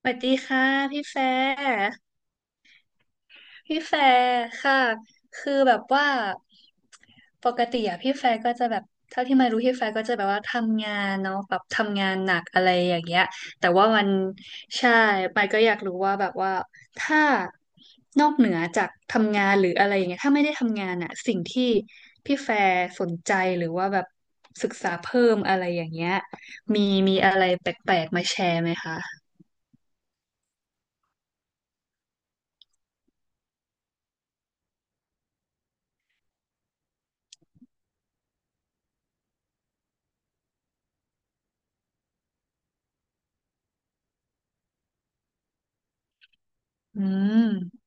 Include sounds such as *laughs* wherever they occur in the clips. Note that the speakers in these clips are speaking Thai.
สวัสดีค่ะพี่แฟร์พี่แฟร์ค่ะคือแบบว่าปกติอะพี่แฟร์ก็จะแบบเท่าที่มารู้พี่แฟร์ก็จะแบบว่าทำงานเนาะแบบทำงานหนักอะไรอย่างเงี้ยแต่ว่ามันใช่ไปายก็อยากรู้ว่าแบบว่าถ้านอกเหนือจากทำงานหรืออะไรอย่างเงี้ยถ้าไม่ได้ทำงานอะสิ่งที่พี่แฟร์สนใจหรือว่าแบบศึกษาเพิ่มอะไรอย่างเงี้ยมีมีอะไรแปลกๆมาแชร์ไหมคะอืม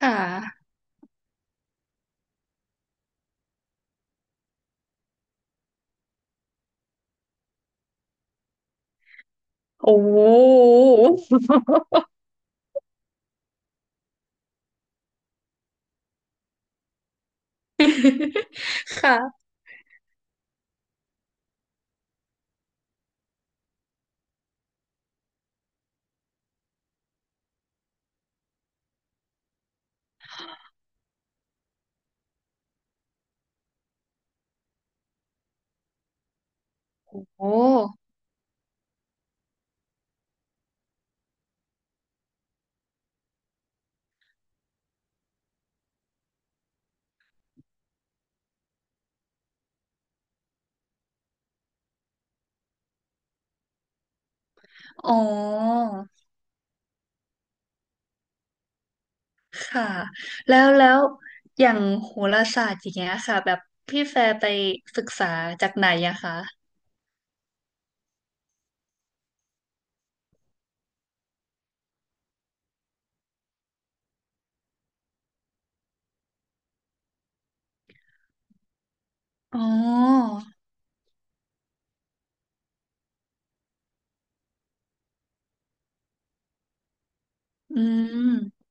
ค่ะ โอ้โห *laughs* ค่ะโอ้อ๋อค่ะแล้วอย่างโหราศาสตร์อย่างเงี้ยค่ะแบบพี่แฟร์ไปศึกษาจากไหนอะคะอ๋ออืม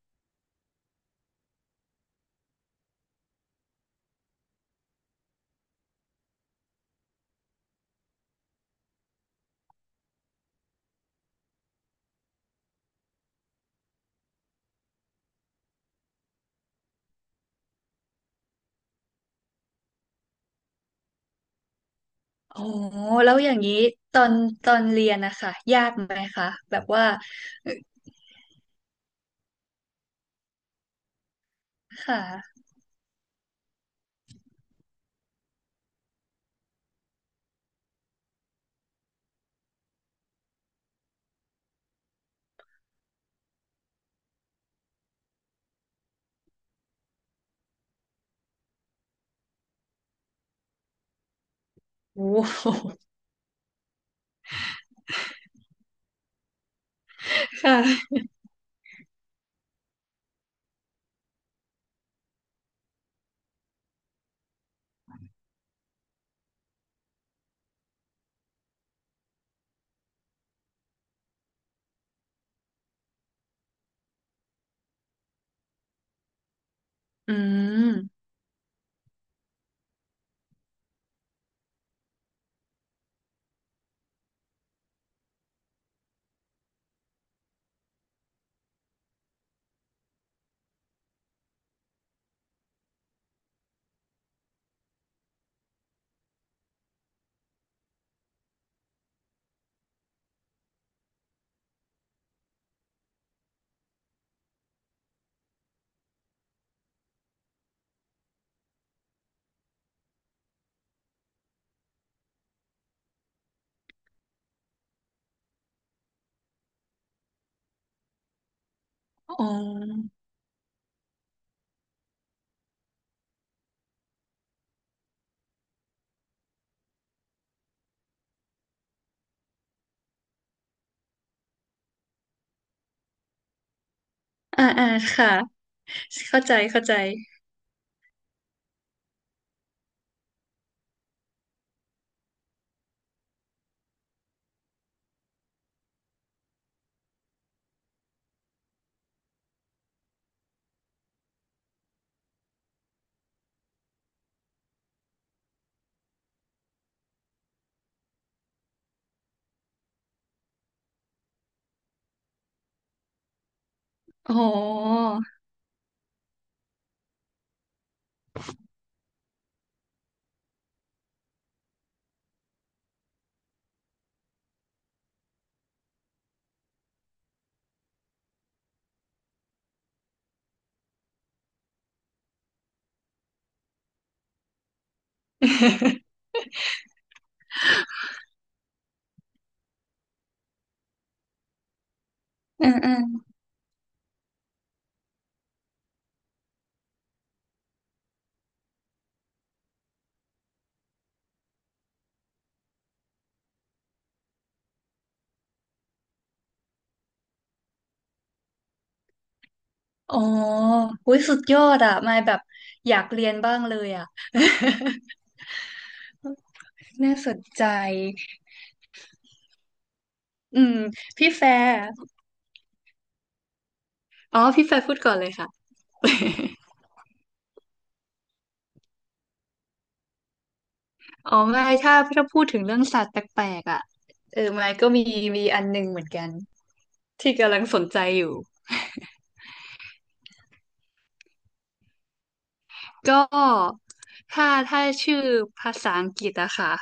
โอ้แล้วอย่างนี้ตอนตอนเรียนนะคะยากไหมคะแบบว่าเอ่อค่ะโอ้โหค่ะอืมอ๋ออ่าอ่าค่ะเข้าใจเข้าใจอ๋อ อืมอืมอ๋ออุ้ยสุดยอดอ่ะมายแบบอยากเรียนบ้างเลยอ่ะ *laughs* น่าสนใจอืมพี่แฟร์อ๋อพี่แฟร์พูดก่อนเลยค่ะ *laughs* อ๋อไม่ถ้าพูดถึงเรื่องสัตว์แปลกๆอ่ะเออมายก็มีมีอันหนึงเหมือนกันที่กำลังสนใจอยู่ก็ถ้าชื่อภาษาอังกฤษอะค่ะ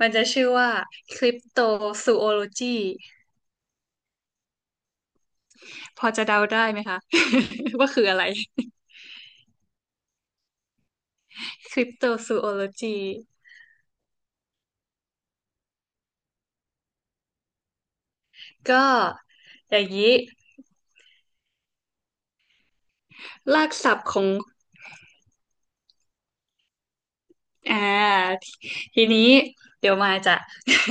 มันจะชื่อว่าคริปโตซูโอโลจีพอจะเดาได้ไหมคะ *laughs* ว่าคืออะไร คริปโตซูโอโลจีก็อย่างนี้รากศัพท์ของอ่าทีนี้เดี๋ยวมายจะ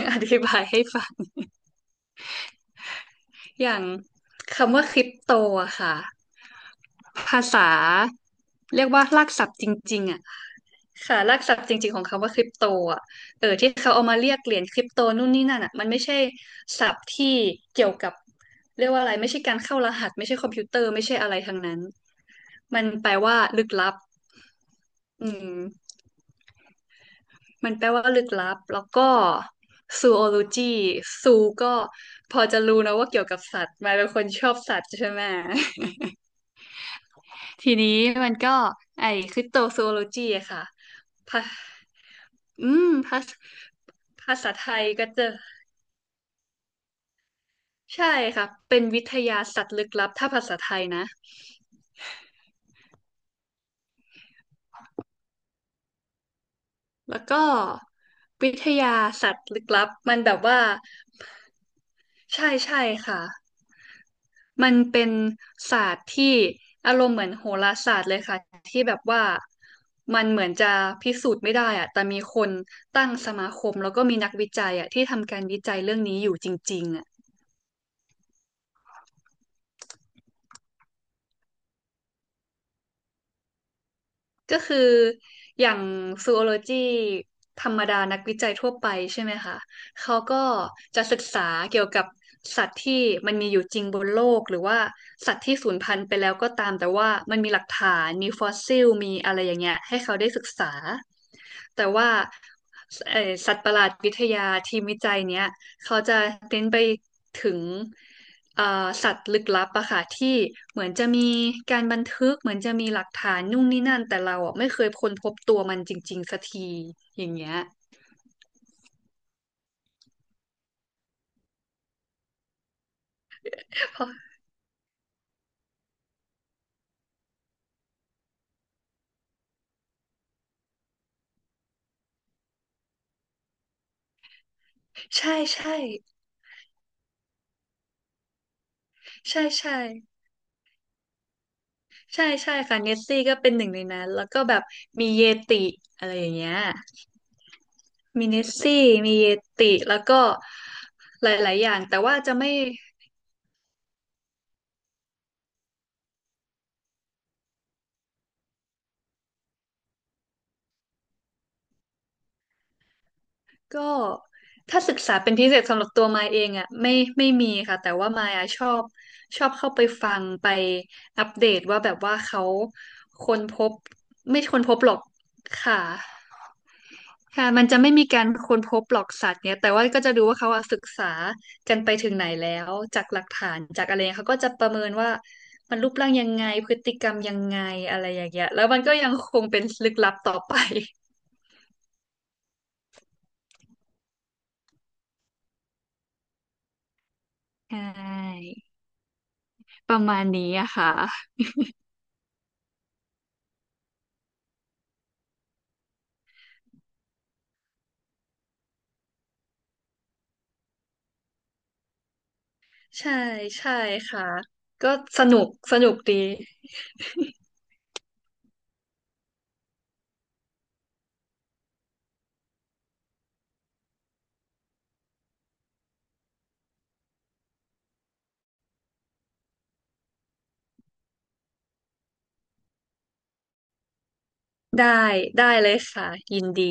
*laughs* อธิบายให้ฟังอย่างคำว่าคริปโตอะค่ะภาษาเรียกว่ารากศัพท์จริงๆอะค่ะรากศัพท์จริงๆของคำว่าคริปโตอะเออที่เขาเอามาเรียกเหรียญคริปโตนู่นนี่นั่นอะมันไม่ใช่ศัพท์ที่เกี่ยวกับเรียกว่าอะไรไม่ใช่การเข้ารหัสไม่ใช่คอมพิวเตอร์ไม่ใช่อะไรทั้งนั้นมันแปลว่าลึกลับ อืมมันแปลว่าลึกลับแล้วก็ซูโอโลจีซูก็พอจะรู้นะว่าเกี่ยวกับสัตว์มายเป็นคนชอบสัตว์ใช่ไหม *laughs* ทีนี้มันก็ไอ้คริปโตซูโอโลจีอะค่ะภาอืมภาษาไทยก็จะใช่ค่ะเป็นวิทยาสัตว์ลึกลับถ้าภาษาไทยนะแล้วก็วิทยาสัตว์ลึกลับมันแบบว่าใช่ใช่ค่ะ มันเป็นศาสตร์ที่อารมณ์เหมือนโหราศาสตร์เลยค่ะที่แบบว่ามันเหมือนจะพิสูจน์ไม่ได้อะแต่มีคนตั้งสมาคมแล้วก็มีนักวิจัยอะที่ทำการวิจัยเรื่องนี้อยู่จริงๆอะ ก็คืออย่างซูโอโลจีธรรมดานักวิจัยทั่วไปใช่ไหมคะเขาก็จะศึกษาเกี่ยวกับสัตว์ที่มันมีอยู่จริงบนโลกหรือว่าสัตว์ที่สูญพันธุ์ไปแล้วก็ตามแต่ว่ามันมีหลักฐานมีฟอสซิลมีอะไรอย่างเงี้ยให้เขาได้ศึกษาแต่ว่าสัตว์ประหลาดวิทยาทีมวิจัยเนี้ย เขาจะเน้นไปถึงเอ่อสัตว์ลึกลับอะค่ะที่เหมือนจะมีการบันทึกเหมือนจะมีหลักฐานนู่นนี่นั่นแต่เราอะไม่เคยค้นพบตัวมันจริงๆสักทีอย่างเงี้ยใช่ใช่ใช่ใช่ใช่ใช่ค่ะเนสซี่ก็เป็นหนึ่งในนั้นแล้วก็แบบมีเยติอะไรอย่างเงี้ยมีเนสซี่มีเยติแล้วก็หลายๆอย่างแต่ว่าจะไม่ ก็ถ้าศึกษาเป็นพิเศษสำหรับตัวมายเองอ่ะไม่ไม่มีค่ะแต่ว่ามายอะชอบชอบเข้าไปฟังไปอัปเดตว่าแบบว่าเขาค้นพบไม่ค้นพบหรอกค่ะค่ะมันจะไม่มีการค้นพบหรอกสัตว์เนี่ยแต่ว่าก็จะดูว่าเขาอะศึกษากันไปถึงไหนแล้วจากหลักฐานจากอะไรเขาก็จะประเมินว่ามันรูปร่างยังไงพฤติกรรมยังไงอะไรอย่างเงี้ยแล้วมันก็ยังคงเป็นลึกลับต่อไปใช่ประมาณนี้อะค่ะ ใช่ใช่ค่ะก็สนุกสนุกดีได้ได้เลยค่ะยินดี